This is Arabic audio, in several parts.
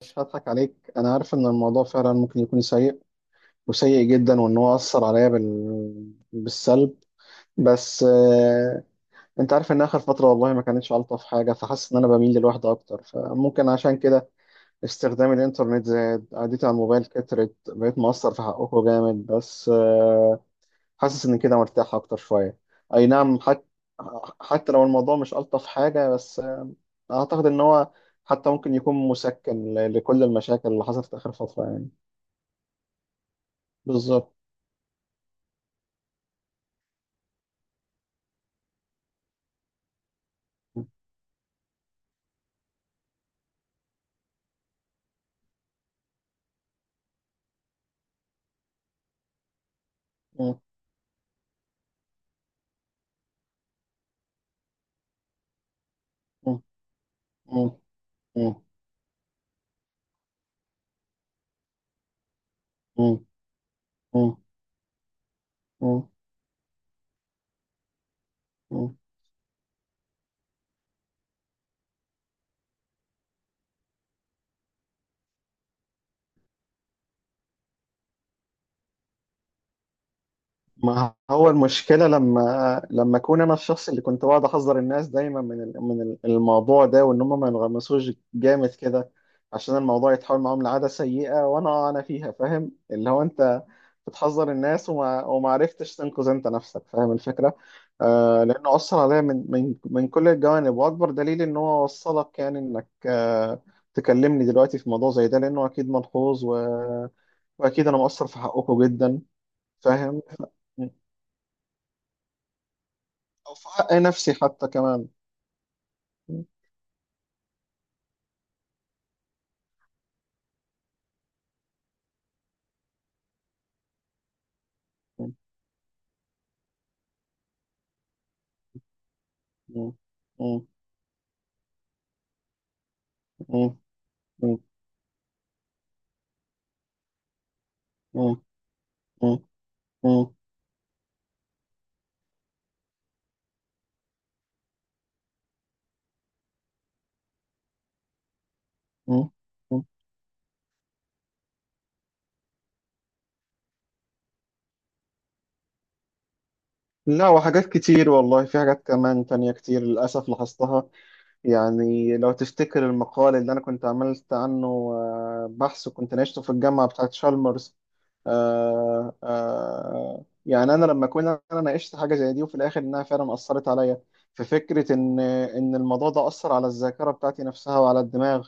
مش هضحك عليك. انا عارف ان الموضوع فعلا ممكن يكون سيء وسيء جدا، وان هو اثر عليا بالسلب. بس انت عارف ان اخر فتره والله ما كانتش الطف حاجه، فحاسس ان انا بميل للوحده اكتر، فممكن عشان كده استخدام الانترنت زاد، قعدتي على الموبايل كترت، بقيت مقصر في حقكم جامد. بس حاسس ان كده مرتاح اكتر شويه. اي نعم. حتى لو الموضوع مش الطف حاجه، بس اعتقد ان هو حتى ممكن يكون مسكن لكل المشاكل اللي حصلت آخر فترة، يعني. بالظبط. مم. مم. مم. مم. مم. مم. مم. ما هو المشكلة لما أكون أنا الشخص اللي كنت بقعد أحذر الناس دايما الموضوع ده، وإن هم ما ينغمسوش جامد كده عشان الموضوع يتحول معاهم لعادة سيئة. وأنا فيها فاهم، اللي هو أنت بتحذر الناس، وما عرفتش تنقذ أنت نفسك. فاهم الفكرة؟ آه، لأنه أثر عليا من كل الجوانب، وأكبر دليل إن هو وصلك، يعني إنك تكلمني دلوقتي في موضوع زي ده، لأنه أكيد ملحوظ وأكيد أنا مقصر في حقكم جدا. فاهم؟ او في حق نفسي حتى كمان. لا، وحاجات كتير والله، في حاجات كمان تانية كتير للأسف لاحظتها، يعني. لو تفتكر المقال اللي أنا كنت عملت عنه بحث، وكنت ناقشته في الجامعة بتاعت شالمرز. يعني أنا لما أكون أنا ناقشت حاجة زي دي، وفي الآخر إنها فعلا أثرت عليا في فكرة إن الموضوع ده أثر على الذاكرة بتاعتي نفسها وعلى الدماغ.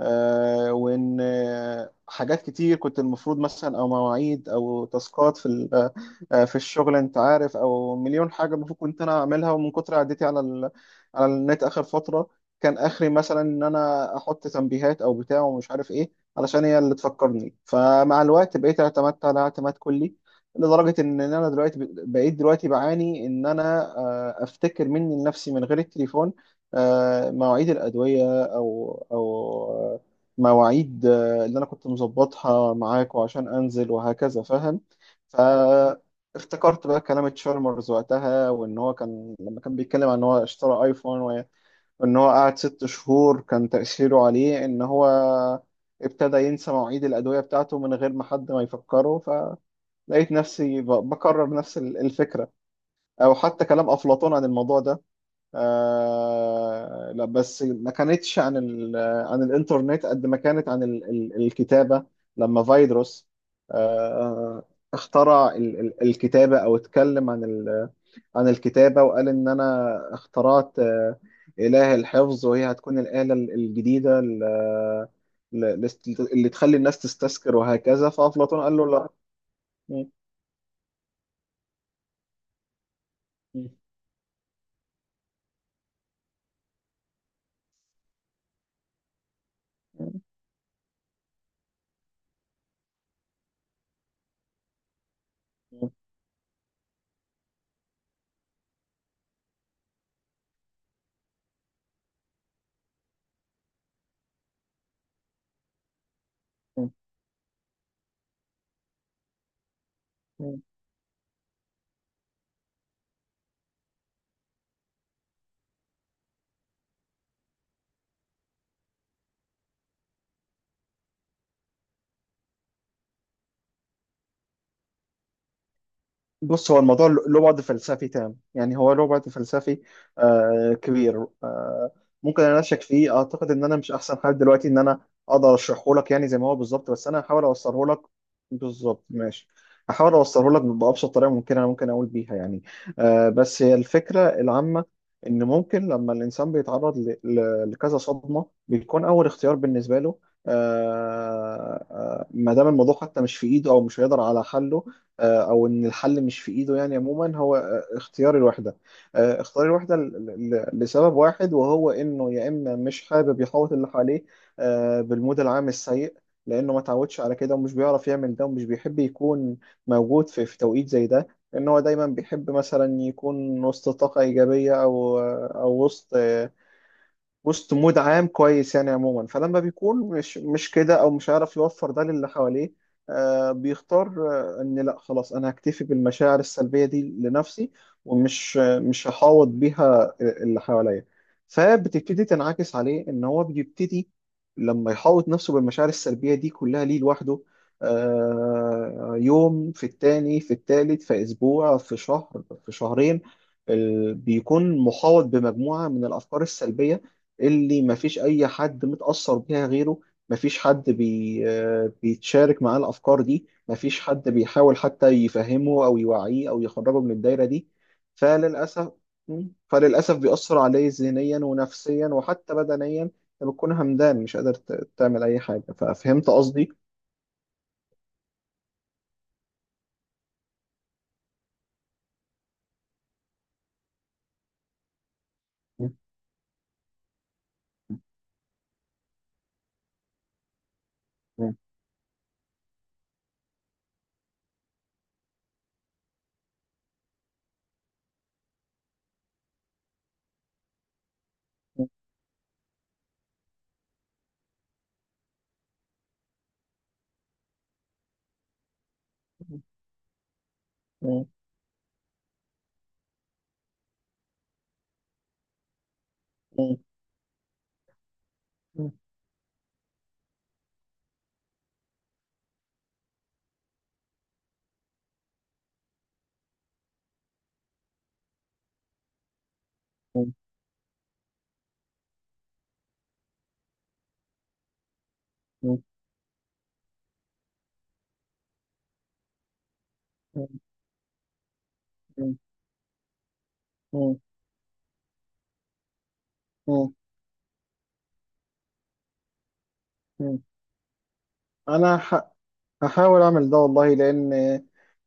وان حاجات كتير كنت المفروض مثلا، او مواعيد او تاسكات في الشغل، انت عارف، او مليون حاجه المفروض كنت انا اعملها، ومن كتر عدتي على النت اخر فتره. كان اخري مثلا ان انا احط تنبيهات او بتاع ومش عارف ايه، علشان هي اللي تفكرني، فمع الوقت بقيت اعتمدت على اعتماد كلي، لدرجه ان انا دلوقتي بقيت دلوقتي بعاني ان انا افتكر مني لنفسي من غير التليفون. مواعيد الادويه، او مواعيد اللي انا كنت مظبطها معاك وعشان انزل وهكذا، فاهم. فافتكرت بقى كلام تشارمرز وقتها، وان هو كان لما كان بيتكلم عن ان هو اشترى ايفون، وان هو قعد ست شهور كان تأثيره عليه ان هو ابتدى ينسى مواعيد الأدوية بتاعته من غير ما حد ما يفكره. فلقيت نفسي بكرر نفس الفكرة، او حتى كلام أفلاطون عن الموضوع ده. آه لا، بس ما كانتش عن عن الانترنت قد ما كانت عن ال ال الكتابة. لما فيدروس آه اخترع ال ال الكتابة، او اتكلم عن عن الكتابة، وقال ان انا اخترعت إله الحفظ، وهي هتكون الآلة الجديدة ل- اللي تخلي الناس تستذكر وهكذا. فأفلاطون قال له لا. بص، هو الموضوع له بعد فلسفي تام، يعني هو له بعد فلسفي كبير. ممكن انا اشك فيه. اعتقد ان انا مش احسن حال دلوقتي ان انا اقدر اشرحه لك يعني زي ما هو بالظبط، بس انا هحاول اوصله لك. بالظبط ماشي. هحاول اوصله لك بابسط طريقه ممكنه انا ممكن اقول بيها، يعني. بس هي الفكره العامه ان ممكن لما الانسان بيتعرض لكذا صدمه، بيكون اول اختيار بالنسبه له ما دام الموضوع حتى مش في ايده او مش هيقدر على حله، او ان الحل مش في ايده، يعني عموما هو اختيار الوحده. اختيار الوحده لسبب واحد، وهو انه يا اما مش حابب يحوط اللي حواليه بالمود العام السيء، لانه ما تعودش على كده، ومش بيعرف يعمل ده، ومش بيحب يكون موجود في توقيت زي ده، لان هو دايما بيحب مثلا يكون وسط طاقه ايجابيه، او او وسط وسط مود عام كويس، يعني عموما. فلما بيكون مش كده، او مش عارف يوفر ده للي حواليه، بيختار ان لا، خلاص، انا هكتفي بالمشاعر السلبيه دي لنفسي، ومش مش هحاوط بيها اللي حواليا. فبتبتدي تنعكس عليه ان هو بيبتدي، لما يحاوط نفسه بالمشاعر السلبيه دي كلها ليه لوحده، يوم، في التاني، في التالت، في اسبوع، في شهر، في شهرين، بيكون محاوط بمجموعه من الافكار السلبيه اللي مفيش أي حد متأثر بيها غيره، مفيش حد بي آه، بيتشارك معاه الأفكار دي، مفيش حد بيحاول حتى يفهمه أو يوعيه أو يخرجه من الدايرة دي. فللأسف فللأسف بيأثر عليه ذهنيا ونفسيا وحتى بدنيا. انت بتكون همدان، مش قادر تعمل أي حاجة. ففهمت قصدي؟ مم. مم. مم. مم. مم. مم. مم. مم. مم. مم. أنا ح... هحاول اعمل ده والله، لان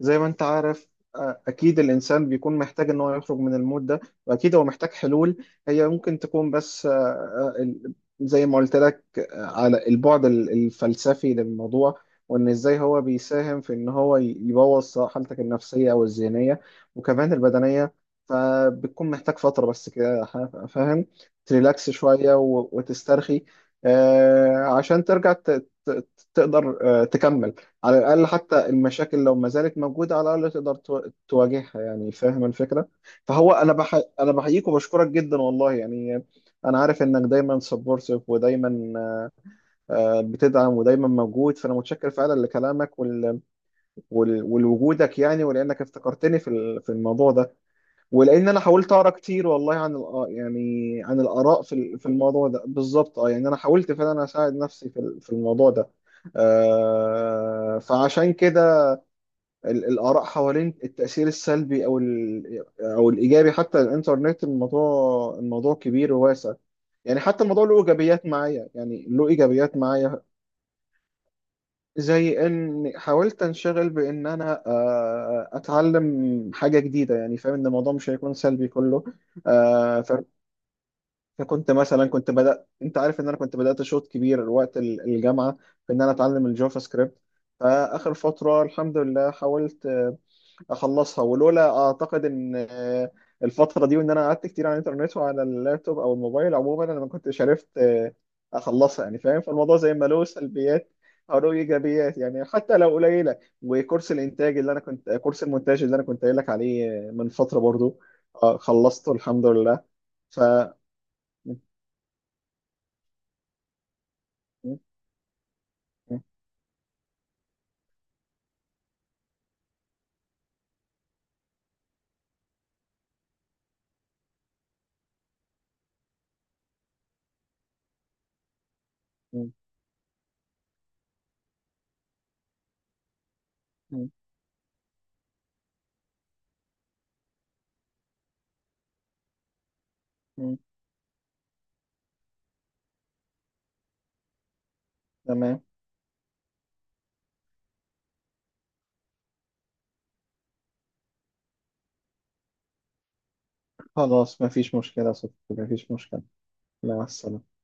زي ما انت عارف اكيد الانسان بيكون محتاج ان هو يخرج من المود ده، واكيد هو محتاج حلول هي ممكن تكون، بس زي ما قلت لك على البعد الفلسفي للموضوع، وان ازاي هو بيساهم في ان هو يبوظ حالتك النفسية او الذهنية وكمان البدنية. فبتكون محتاج فترة بس كده، فاهم، تريلاكس شوية وتسترخي، عشان ترجع ت- تقدر تكمل، على الأقل. حتى المشاكل لو ما زالت موجودة، على الأقل تقدر تواجهها، يعني. فاهم الفكرة. فهو أنا بحييك وبشكرك جدا والله، يعني. أنا عارف إنك دايما سبورتيف، ودايما بتدعم، ودايما موجود، فأنا متشكر فعلا لكلامك ولوجودك، يعني، ولأنك افتكرتني في الموضوع ده، ولأن أنا حاولت أقرأ كتير والله عن يعني عن الآراء في الموضوع ده بالظبط. يعني أنا حاولت فعلا أساعد نفسي في الموضوع ده، فعشان كده الآراء حوالين التأثير السلبي أو أو الإيجابي حتى الإنترنت، الموضوع كبير وواسع، يعني. حتى الموضوع له إيجابيات معايا، يعني له إيجابيات معايا، زي إن حاولت أنشغل بإن أنا أتعلم حاجة جديدة، يعني فاهم إن الموضوع مش هيكون سلبي كله. آه، ف- فكنت مثلا، كنت بدأت، أنت عارف إن أنا كنت بدأت شوط كبير وقت الجامعة، في إن أنا أتعلم الجافا سكريبت. فآخر فترة الحمد لله حاولت اخلصها، ولولا اعتقد ان الفتره دي وان انا قعدت كتير على الانترنت وعلى اللابتوب او الموبايل عموما، انا ما كنتش عرفت اخلصها، يعني فاهم. فالموضوع زي ما له سلبيات، او له ايجابيات، يعني حتى لو قليله. وكورس الانتاج اللي انا كنت كورس المونتاج اللي انا كنت قايل لك عليه من فتره برضو، خلصته الحمد لله. ف م- م- م- م- م- تمام. خلاص، مفيش مشكلة يا صديقي. مفيش مشكلة. مع السلامة.